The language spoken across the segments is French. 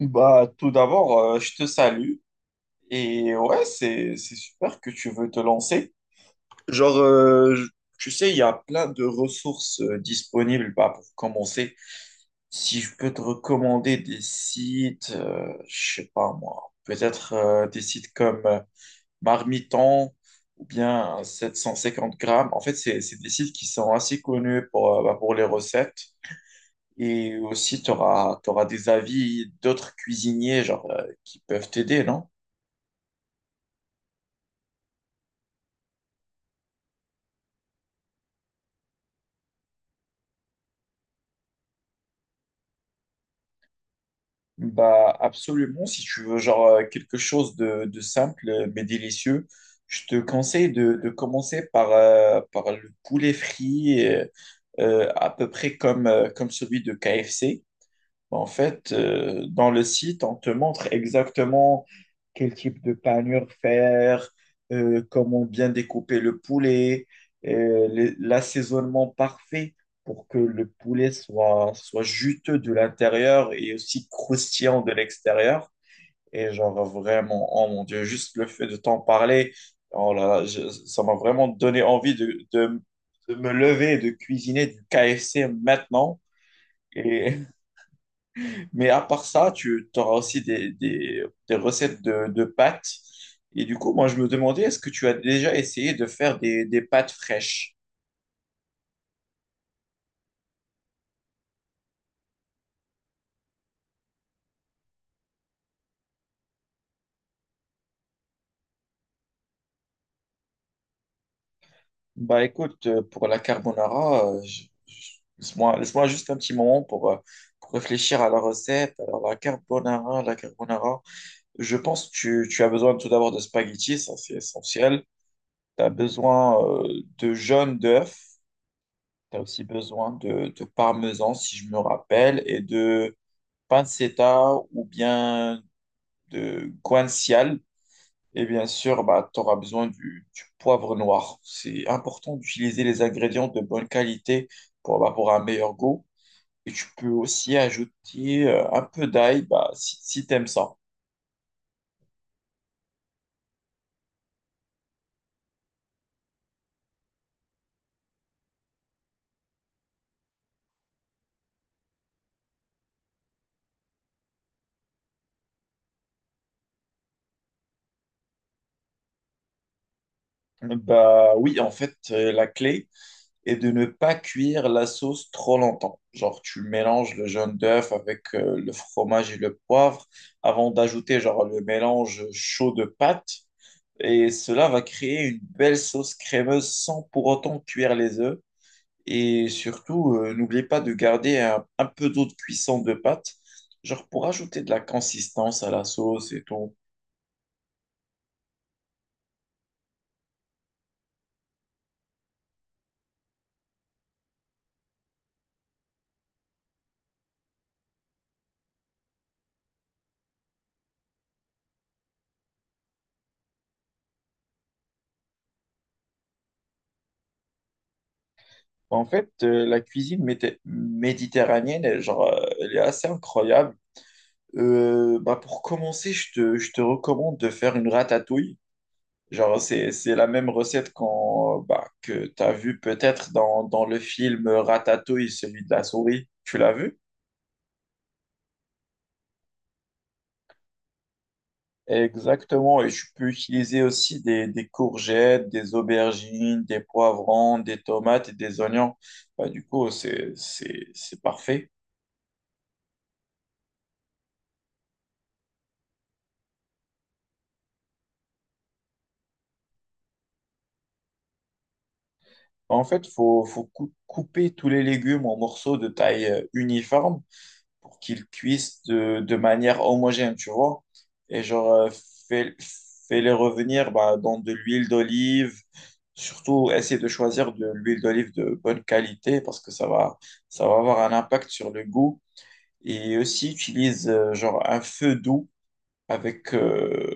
Bah, tout d'abord, je te salue. Et ouais, c'est super que tu veux te lancer. Genre, euh, je- Tu sais, il y a plein de ressources disponibles bah, pour commencer. Si je peux te recommander des sites, je sais pas moi, peut-être des sites comme Marmiton ou bien 750 grammes. En fait, c'est des sites qui sont assez connus pour, bah, pour les recettes. Et aussi, tu auras, des avis d'autres cuisiniers genre, qui peuvent t'aider, non? Bah, absolument. Si tu veux genre, quelque chose de simple mais délicieux, je te conseille de commencer par, par le poulet frit, à peu près comme, comme celui de KFC. En fait, dans le site, on te montre exactement quel type de panure faire, comment bien découper le poulet, l'assaisonnement parfait pour que le poulet soit juteux de l'intérieur et aussi croustillant de l'extérieur. Et genre vraiment, oh mon Dieu, juste le fait de t'en parler, oh là là, ça m'a vraiment donné envie de me lever et de cuisiner du KFC maintenant. Et mais à part ça, tu auras aussi des recettes de pâtes. Et du coup, moi, je me demandais, est-ce que tu as déjà essayé de faire des pâtes fraîches? Bah écoute, pour la carbonara, laisse-moi juste un petit moment pour réfléchir à la recette. Alors, la carbonara, je pense que tu as besoin tout d'abord de spaghettis, ça c'est essentiel. Tu as besoin de jaune d'œuf, tu as aussi besoin de parmesan, si je me rappelle, et de pancetta ou bien de guanciale. Et bien sûr, bah, tu auras besoin du poivre noir. C'est important d'utiliser les ingrédients de bonne qualité pour, bah, pour un meilleur goût. Et tu peux aussi ajouter un peu d'ail bah, si, si tu aimes ça. Bah oui, en fait, la clé est de ne pas cuire la sauce trop longtemps. Genre, tu mélanges le jaune d'œuf avec le fromage et le poivre avant d'ajouter genre le mélange chaud de pâtes. Et cela va créer une belle sauce crémeuse sans pour autant cuire les œufs. Et surtout, n'oubliez pas de garder un peu d'eau de cuisson de pâte, genre pour ajouter de la consistance à la sauce et tout. En fait, la cuisine méditerranéenne, elle, genre, elle est assez incroyable. Bah pour commencer, je te recommande de faire une ratatouille. Genre, c'est la même recette qu'on, bah, que tu as vue peut-être dans, dans le film Ratatouille, celui de la souris. Tu l'as vu? Exactement, et je peux utiliser aussi des courgettes, des aubergines, des poivrons, des tomates et des oignons. Bah, du coup, c'est parfait. Bah, en fait, faut couper tous les légumes en morceaux de taille uniforme pour qu'ils cuisent de manière homogène, tu vois. Et genre, fais, fais-les revenir bah, dans de l'huile d'olive. Surtout, essaie de choisir de l'huile d'olive de bonne qualité parce que ça va avoir un impact sur le goût. Et aussi utilise genre un feu doux avec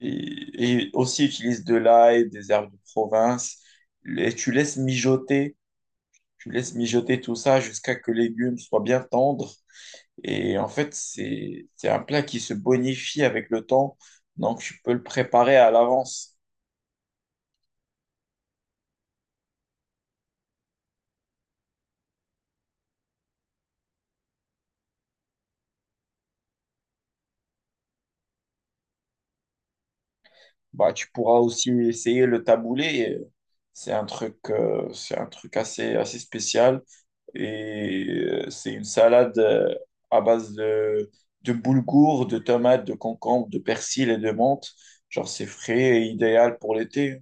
et, aussi utilise de l'ail, des herbes de province et tu laisses mijoter tout ça jusqu'à que les légumes soient bien tendres et en fait c'est un plat qui se bonifie avec le temps donc tu peux le préparer à l'avance. Bah tu pourras aussi essayer le taboulé, c'est un truc assez spécial. Et c'est une salade à base de boulgour, de tomates, de concombre, de persil et de menthe. Genre, c'est frais et idéal pour l'été.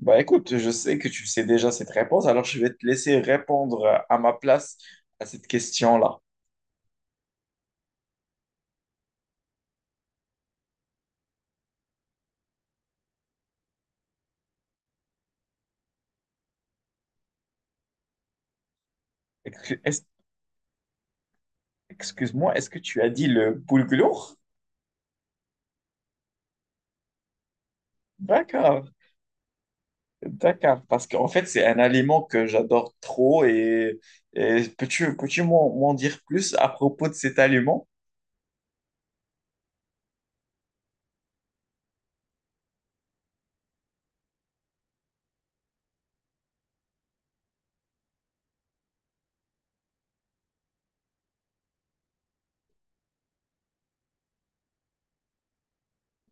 Bah écoute, je sais que tu sais déjà cette réponse, alors je vais te laisser répondre à ma place à cette question-là. Excu- est- Excuse-moi, est-ce que tu as dit le boulgour? D'accord, d'accord. Parce qu'en fait, c'est un aliment que j'adore trop et peux-tu m'en dire plus à propos de cet aliment?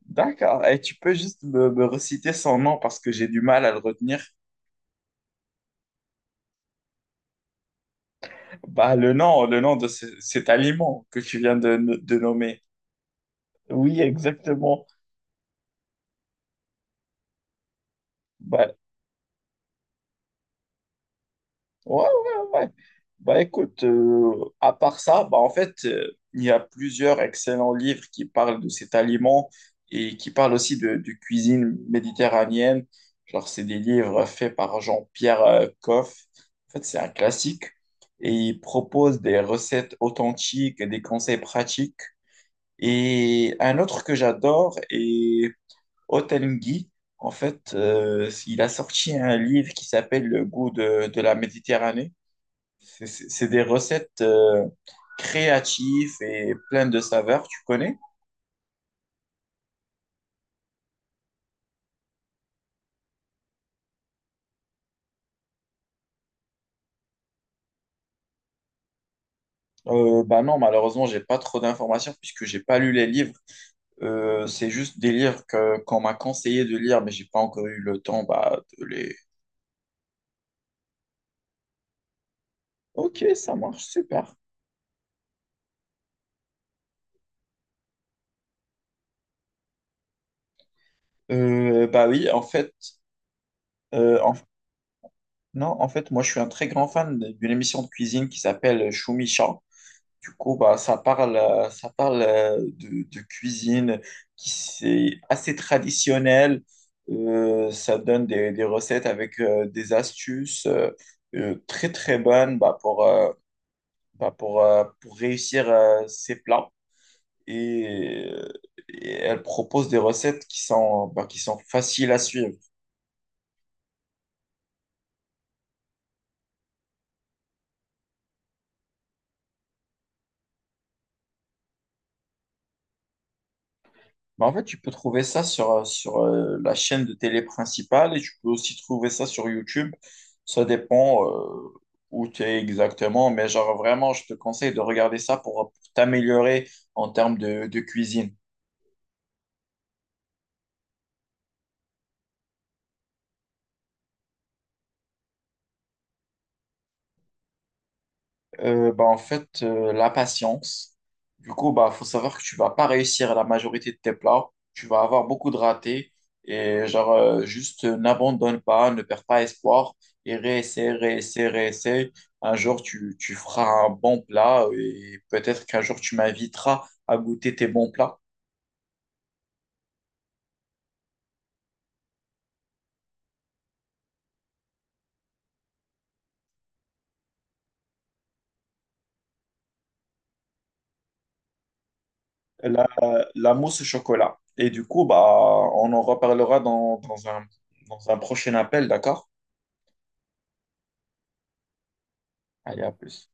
D'accord. Et tu peux juste me reciter son nom parce que j'ai du mal à le retenir. Bah, le nom de cet aliment que tu viens de nommer. Oui, exactement. Bah, ouais, ouais. Bah écoute, à part ça, bah en fait, il y a plusieurs excellents livres qui parlent de cet aliment et qui parlent aussi de cuisine méditerranéenne. Genre, c'est des livres faits par Jean-Pierre Coff. En fait, c'est un classique et il propose des recettes authentiques et des conseils pratiques. Et un autre que j'adore est Hotel. En fait, il a sorti un livre qui s'appelle Le goût de la Méditerranée. C'est des recettes créatives et pleines de saveurs, tu connais? Bah non, malheureusement, j'ai pas trop d'informations puisque j'ai pas lu les livres. C'est juste des livres que qu'on m'a conseillé de lire, mais j'ai pas encore eu le temps bah, de les. Ok, ça marche, super. Bah oui, en fait, euh, en- non, en fait, moi, je suis un très grand fan d'une émission de cuisine qui s'appelle Choumicha. Du coup, bah, ça parle de cuisine qui c'est assez traditionnel. Ça donne des recettes avec des astuces très très bonnes bah, pour réussir ses plats. Et, euh, et elle propose des recettes qui sont, bah, qui sont faciles à suivre. Bah, en fait, tu peux trouver ça sur, la chaîne de télé principale et tu peux aussi trouver ça sur YouTube. Ça dépend où tu es exactement, mais genre vraiment, je te conseille de regarder ça pour t'améliorer en termes de cuisine. Bah, en fait, la patience. Du coup, bah, faut savoir que tu vas pas réussir la majorité de tes plats. Tu vas avoir beaucoup de ratés. Et genre, juste n'abandonne pas, ne perds pas espoir. Et réessaie. Un jour, tu feras un bon plat. Et peut-être qu'un jour, tu m'inviteras à goûter tes bons plats. La, la mousse au chocolat. Et du coup, bah, on en reparlera dans un prochain appel, d'accord? Allez, à plus.